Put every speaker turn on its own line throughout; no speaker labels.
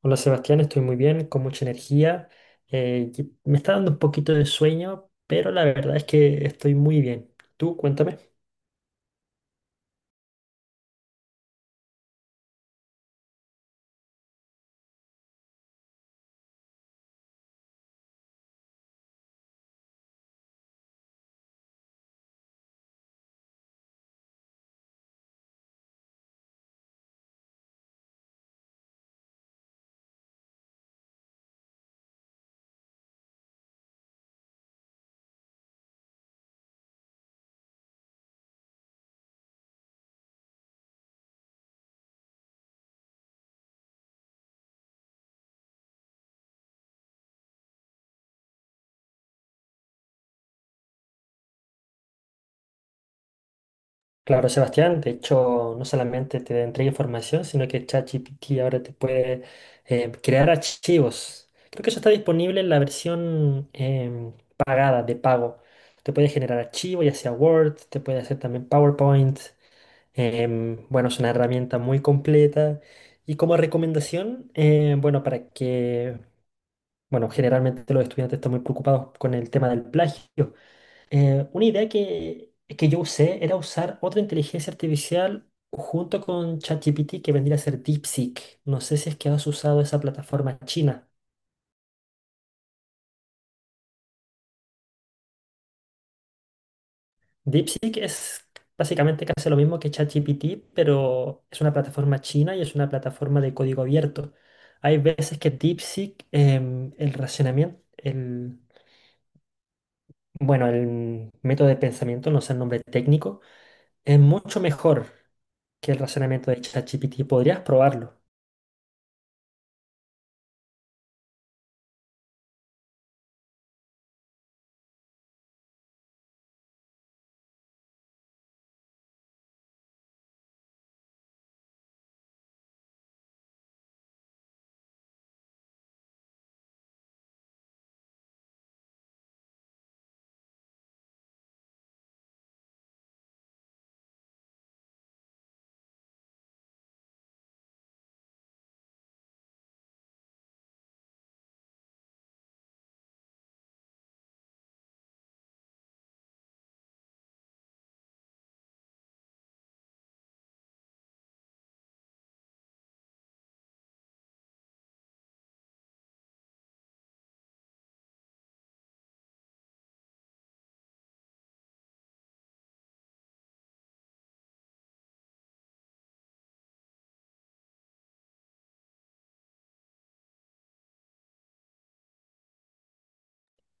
Hola Sebastián, estoy muy bien, con mucha energía. Y me está dando un poquito de sueño, pero la verdad es que estoy muy bien. Tú, cuéntame. Claro, Sebastián, de hecho, no solamente te entrega información, sino que ChatGPT ahora te puede crear archivos. Creo que eso está disponible en la versión pagada, de pago. Te puede generar archivos, ya sea Word, te puede hacer también PowerPoint. Bueno, es una herramienta muy completa y como recomendación, bueno, para que, bueno, generalmente los estudiantes están muy preocupados con el tema del plagio. Una idea que yo usé era usar otra inteligencia artificial junto con ChatGPT que vendría a ser DeepSeek. No sé si es que has usado esa plataforma china. DeepSeek es básicamente casi lo mismo que ChatGPT, pero es una plataforma china y es una plataforma de código abierto. Hay veces que DeepSeek, el racionamiento, bueno, el método de pensamiento, no sé el nombre técnico, es mucho mejor que el razonamiento de ChatGPT. Podrías probarlo.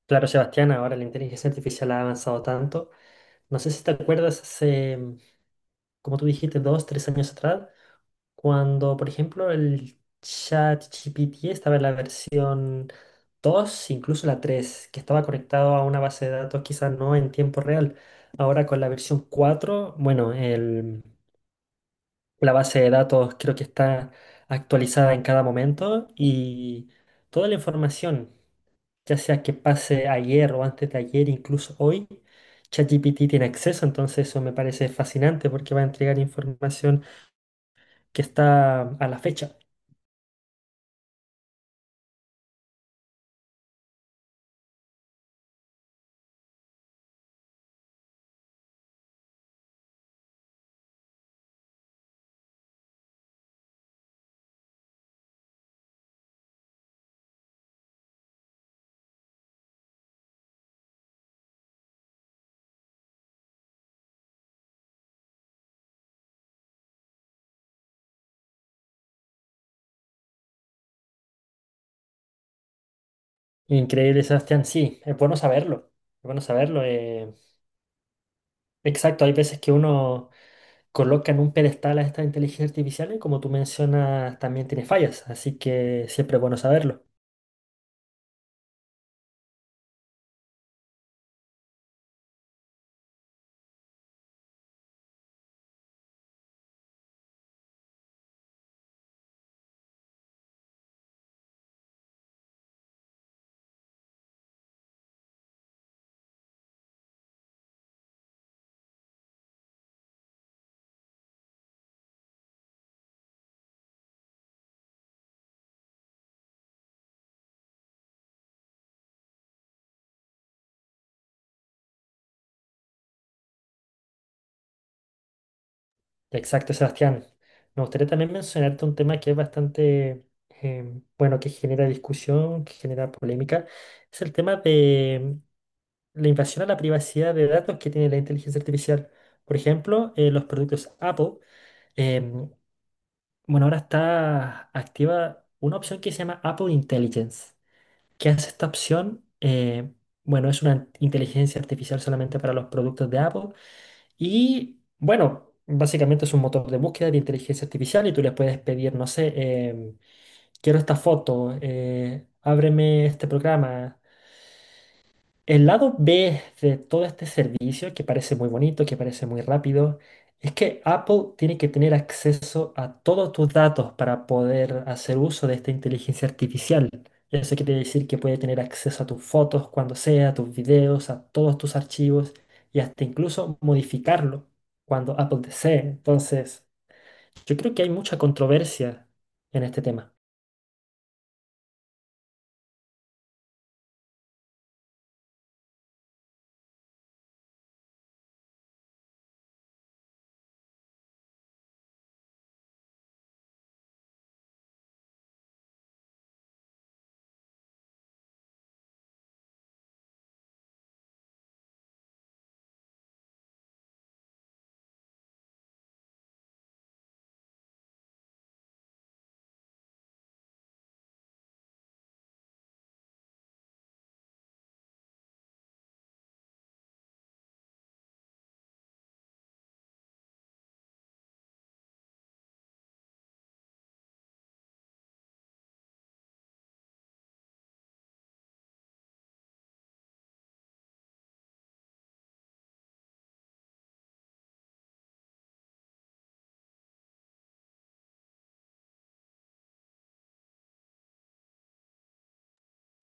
Claro, Sebastián, ahora la inteligencia artificial ha avanzado tanto. No sé si te acuerdas hace, como tú dijiste, dos, tres años atrás. Cuando, por ejemplo, el ChatGPT estaba en la versión 2, incluso la 3, que estaba conectado a una base de datos, quizás no en tiempo real. Ahora con la versión 4, bueno, la base de datos creo que está actualizada en cada momento y toda la información, ya sea que pase ayer o antes de ayer, incluso hoy, ChatGPT tiene acceso, entonces eso me parece fascinante porque va a entregar información que está a la fecha. Increíble, Sebastián. Sí, es bueno saberlo. Es bueno saberlo. Exacto, hay veces que uno coloca en un pedestal a esta inteligencia artificial y como tú mencionas, también tiene fallas. Así que siempre es bueno saberlo. Exacto, Sebastián. Me gustaría también mencionarte un tema que es bastante, bueno, que genera discusión, que genera polémica. Es el tema de la invasión a la privacidad de datos que tiene la inteligencia artificial. Por ejemplo, los productos Apple. em, Bueno, ahora está activa una opción que se llama Apple Intelligence. ¿Qué hace esta opción? Bueno, es una inteligencia artificial solamente para los productos de Apple. Y bueno, básicamente es un motor de búsqueda de inteligencia artificial y tú le puedes pedir, no sé, quiero esta foto, ábreme este programa. El lado B de todo este servicio, que parece muy bonito, que parece muy rápido, es que Apple tiene que tener acceso a todos tus datos para poder hacer uso de esta inteligencia artificial. Eso quiere decir que puede tener acceso a tus fotos cuando sea, a tus videos, a todos tus archivos y hasta incluso modificarlo cuando Apple desee. Entonces, yo creo que hay mucha controversia en este tema.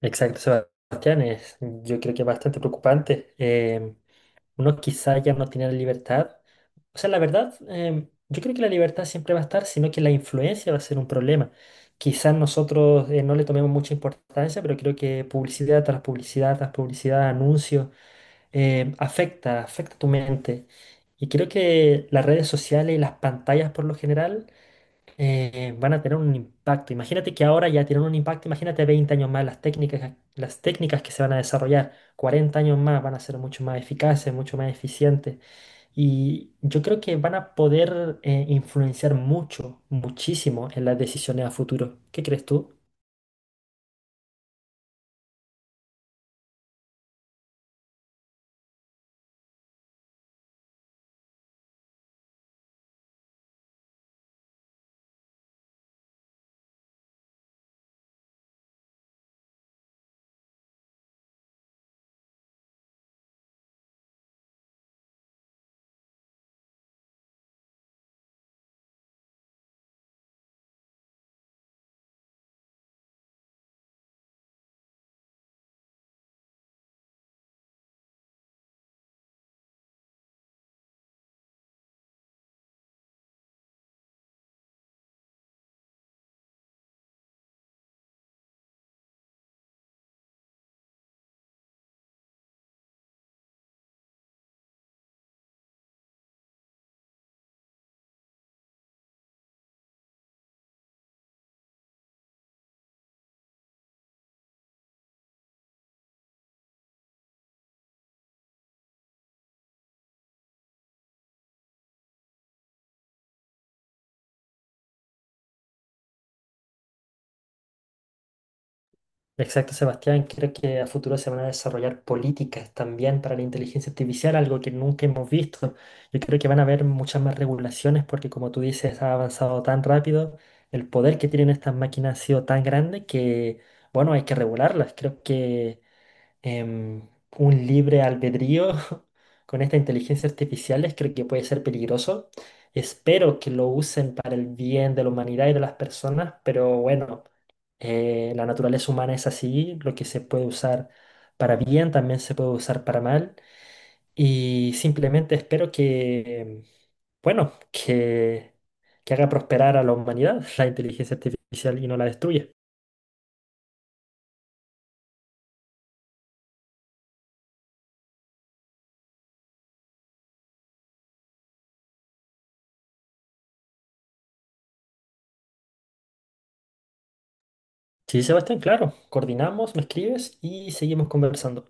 Exacto, Sebastián, yo creo que es bastante preocupante. Uno quizá ya no tiene la libertad. O sea, la verdad, yo creo que la libertad siempre va a estar, sino que la influencia va a ser un problema. Quizás nosotros no le tomemos mucha importancia, pero creo que publicidad tras publicidad, tras publicidad, anuncios, afecta, afecta tu mente. Y creo que las redes sociales y las pantallas por lo general van a tener un impacto. Imagínate que ahora ya tienen un impacto, imagínate 20 años más las técnicas que se van a desarrollar, 40 años más van a ser mucho más eficaces, mucho más eficientes. Y yo creo que van a poder influenciar mucho, muchísimo en las decisiones a futuro. ¿Qué crees tú? Exacto, Sebastián. Creo que a futuro se van a desarrollar políticas también para la inteligencia artificial, algo que nunca hemos visto. Yo creo que van a haber muchas más regulaciones porque, como tú dices, ha avanzado tan rápido, el poder que tienen estas máquinas ha sido tan grande que, bueno, hay que regularlas. Creo que em, un libre albedrío con esta inteligencia artificial, creo que puede ser peligroso. Espero que lo usen para el bien de la humanidad y de las personas, pero bueno, la naturaleza humana es así, lo que se puede usar para bien también se puede usar para mal. Y simplemente espero que, bueno, que haga prosperar a la humanidad la inteligencia artificial y no la destruya. Sí, Sebastián, claro, coordinamos, me escribes y seguimos conversando.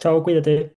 Chao, cuídate.